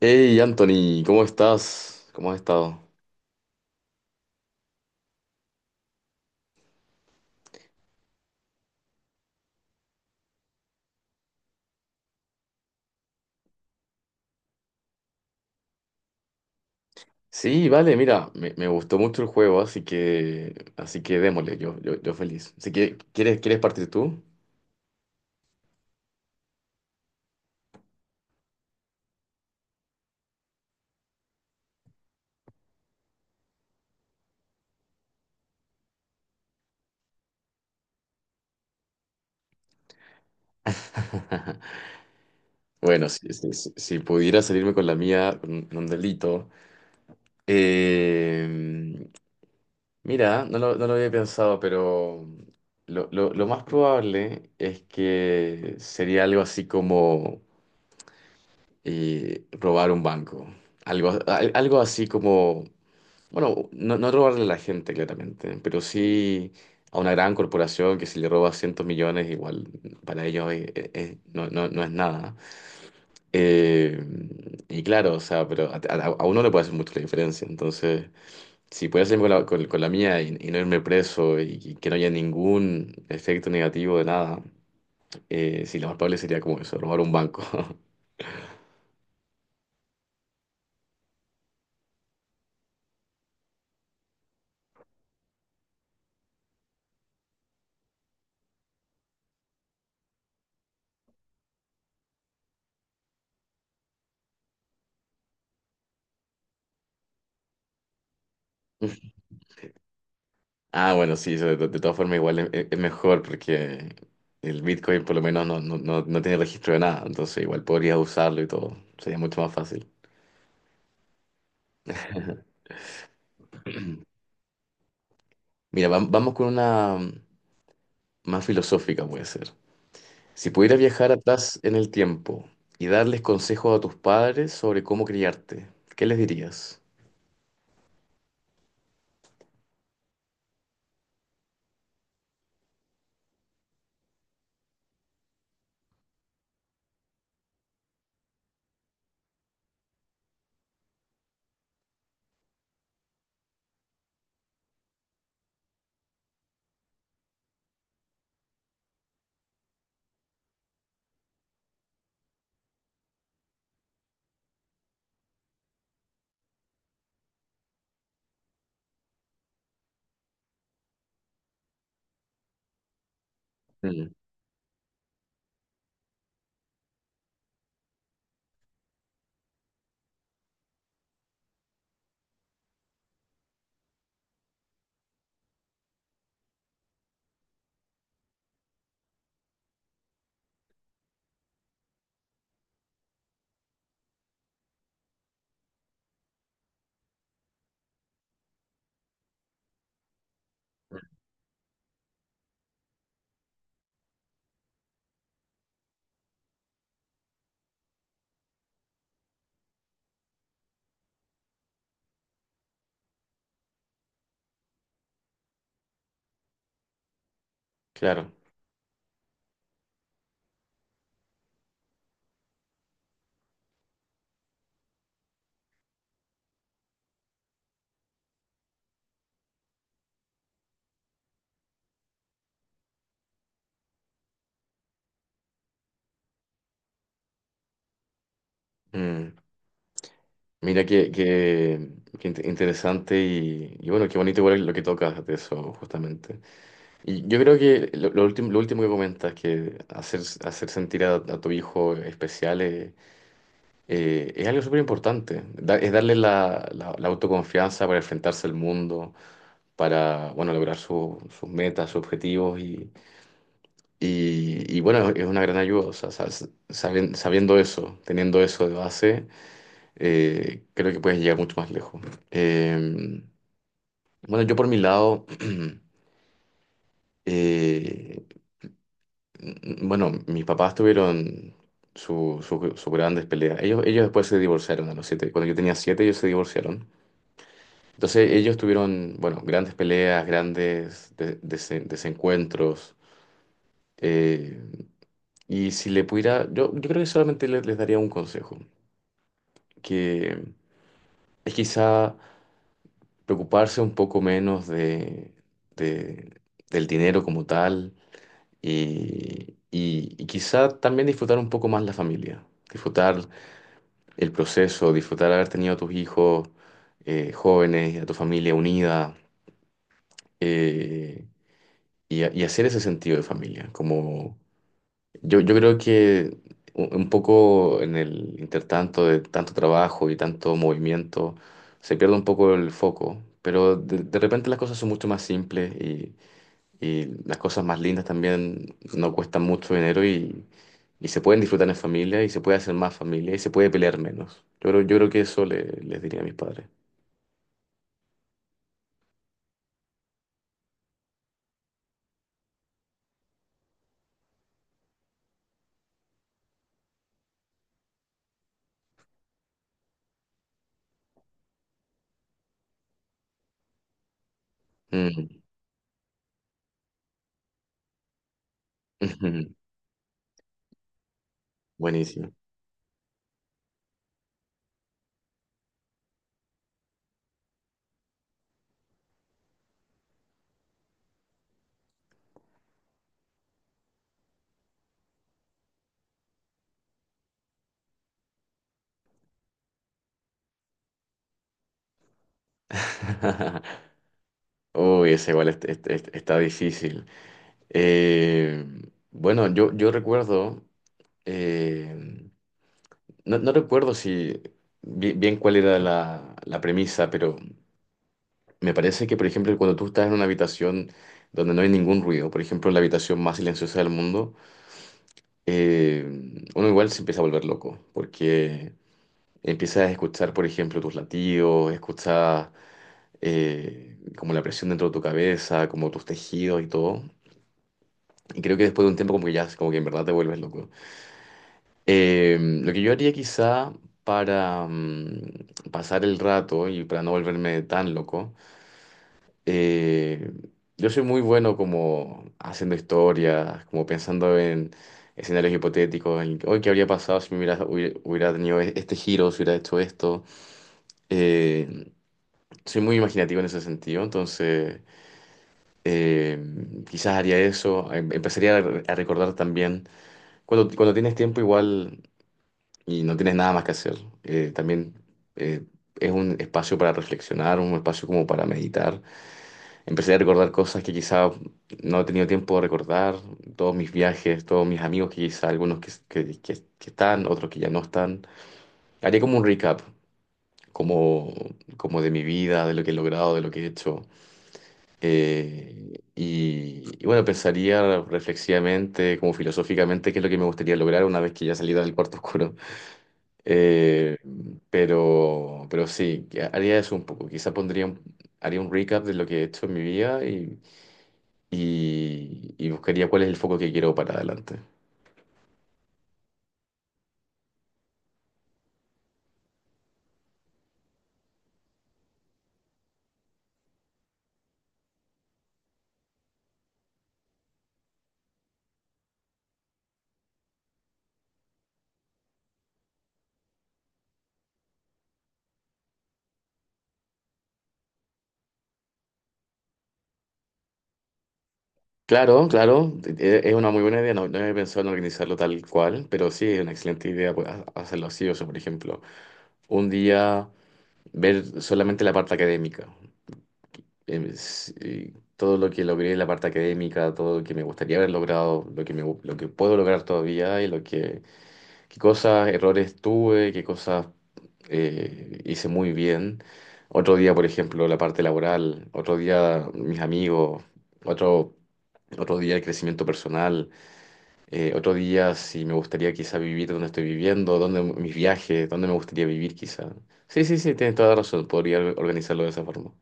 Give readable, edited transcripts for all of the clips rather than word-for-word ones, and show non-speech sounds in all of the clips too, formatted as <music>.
Hey Anthony, ¿cómo estás? ¿Cómo has estado? Sí, vale, mira, me gustó mucho el juego, así que, démosle, yo feliz. Así que, ¿quieres partir tú? <laughs> Bueno, si pudiera salirme con la mía, con un delito. eh, mira, no lo había pensado, pero lo más probable es que sería algo así como robar un banco. Algo así como. Bueno, no, no robarle a la gente, claramente, pero sí a una gran corporación que si le roba cientos millones, igual para ellos no, no, no es nada. Eh, y claro, o sea, pero a uno le puede hacer mucho la diferencia. Entonces, si puedo hacerme con la mía y no irme preso y que no haya ningún efecto negativo de nada, sí, lo más probable sería como eso, robar un banco. <laughs> Ah, bueno, sí, eso de todas formas igual es mejor porque el Bitcoin por lo menos no, no, no, no tiene registro de nada, entonces igual podrías usarlo y todo, sería mucho más fácil. Mira, vamos con una más filosófica puede ser. Si pudieras viajar atrás en el tiempo y darles consejos a tus padres sobre cómo criarte, ¿qué les dirías? Mm, claro. Mm, Mira qué interesante y bueno, qué bonito igual lo que tocas de eso justamente. Y yo creo que lo último que comentas, que hacer sentir a tu hijo especial es algo súper importante. Es darle la autoconfianza para enfrentarse al mundo, para, bueno, lograr sus metas, sus objetivos y bueno, es una gran ayuda. O sea, sabiendo eso, teniendo eso de base, creo que puedes llegar mucho más lejos. Eh, bueno, yo por mi lado, <clears throat> eh, Bueno, mis papás tuvieron sus grandes peleas. Ellos después se divorciaron a los 7. Cuando yo tenía 7, ellos se divorciaron. Entonces ellos tuvieron, bueno, grandes peleas, grandes desencuentros. Eh, y si le pudiera, yo creo que solamente les daría un consejo, que es quizá preocuparse un poco menos de- del dinero como tal y quizá también disfrutar un poco más la familia. Disfrutar el proceso, disfrutar haber tenido a tus hijos jóvenes, a tu familia unida eh, y hacer ese sentido de familia. Como yo creo que un poco en el intertanto de tanto trabajo y tanto movimiento se pierde un poco el foco, pero de repente las cosas son mucho más simples y las cosas más lindas también no cuestan mucho dinero y se pueden disfrutar en familia y se puede hacer más familia y se puede pelear menos. Yo creo que eso les diría a mis padres. Mm. <laughs> Buenísimo. <laughs> Uy, ese igual está difícil. Eh, bueno, yo recuerdo, eh, no, no recuerdo si bien, cuál era la premisa, pero me parece que, por ejemplo, cuando tú estás en una habitación donde no hay ningún ruido, por ejemplo, en la habitación más silenciosa del mundo, eh, uno igual se empieza a volver loco, porque empiezas a escuchar, por ejemplo, tus latidos, escuchas como la presión dentro de tu cabeza, como tus tejidos y todo. Y creo que después de un tiempo como que ya, como que en verdad te vuelves loco. Lo que yo haría quizá para pasar el rato y para no volverme tan loco. Eh, yo soy muy bueno como haciendo historias, como pensando en escenarios hipotéticos, en hoy qué habría pasado si me hubiera tenido este giro, si hubiera hecho esto. Eh, Soy muy imaginativo en ese sentido, entonces eh, quizás haría eso. Empezaría a recordar también, cuando tienes tiempo igual y no tienes nada más que hacer, también eh, es un espacio para reflexionar, un espacio como para meditar. Empecé a recordar cosas que quizá no he tenido tiempo de recordar, todos mis viajes, todos mis amigos que quizá, algunos que están, otros que ya no están. Haré como un recap, como, como de mi vida, de lo que he logrado, de lo que he hecho. Y bueno, pensaría reflexivamente, como filosóficamente, qué es lo que me gustaría lograr una vez que ya salida del cuarto <laughs> oscuro. Eh, pero sí, que haría eso un poco. Quizá pondría haría un recap de lo que he hecho en mi vida y buscaría cuál es el foco que quiero para adelante. Claro, claro, es una muy buena idea, no, no he pensado en organizarlo tal cual, pero sí, es una excelente idea pues, hacerlo así, o sea, por ejemplo, un día ver solamente la parte académica, y todo lo que logré en la parte académica, todo lo que me gustaría haber logrado, lo que puedo lograr todavía y lo que qué cosas, errores tuve, qué cosas hice muy bien. Otro día, por ejemplo, la parte laboral, otro día mis amigos, otro, otro día el crecimiento personal, otro día si me gustaría quizá vivir donde estoy viviendo, dónde mis viajes, dónde me gustaría vivir quizá. Sí, sí, sí, tienes toda la razón, podría organizarlo de esa forma.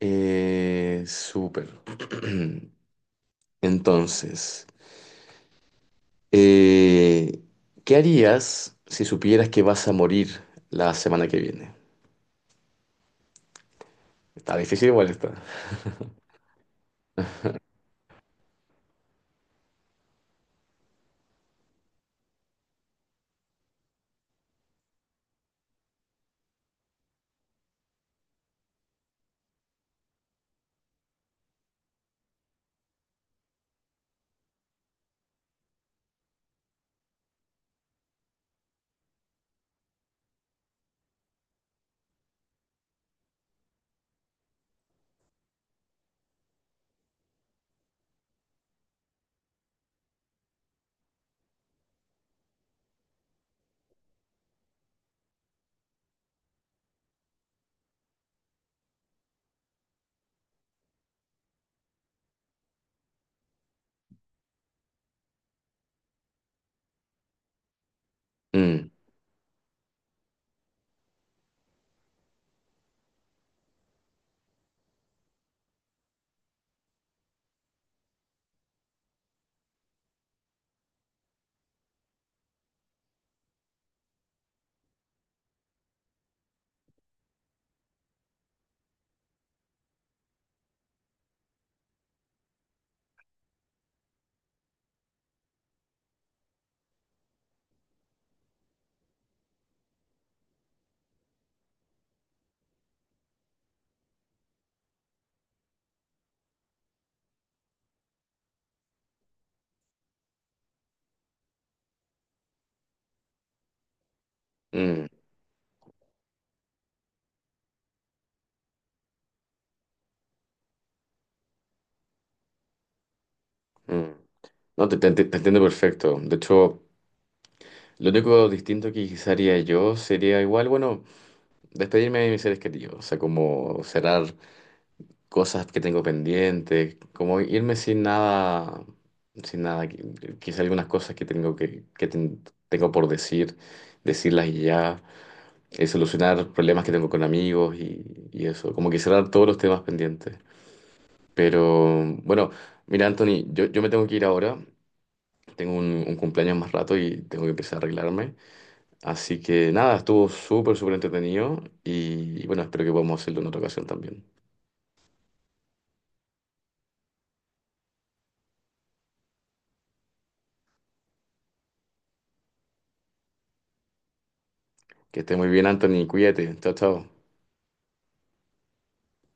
Súper. <clears throat> Entonces, Eh, ¿qué harías si supieras que vas a morir la semana que viene? Está difícil igual está. Mm, mm, mm. No, te entiendo perfecto. De hecho, lo único distinto que quizá haría yo sería igual, bueno, despedirme de mis seres queridos. O sea, como cerrar cosas que tengo pendientes, como irme sin nada, sin nada. Quizá algunas cosas que tengo que ten- tengo por decir, decirlas y ya. Solucionar problemas que tengo con amigos y eso, como que cerrar todos los temas pendientes. Pero bueno, mira, Anthony, yo me tengo que ir ahora, tengo un cumpleaños más rato y tengo que empezar a arreglarme. Así que nada, estuvo súper, súper entretenido y bueno, espero que podamos hacerlo en otra ocasión también. Que esté muy bien, Anthony, cuídate, chao, chao.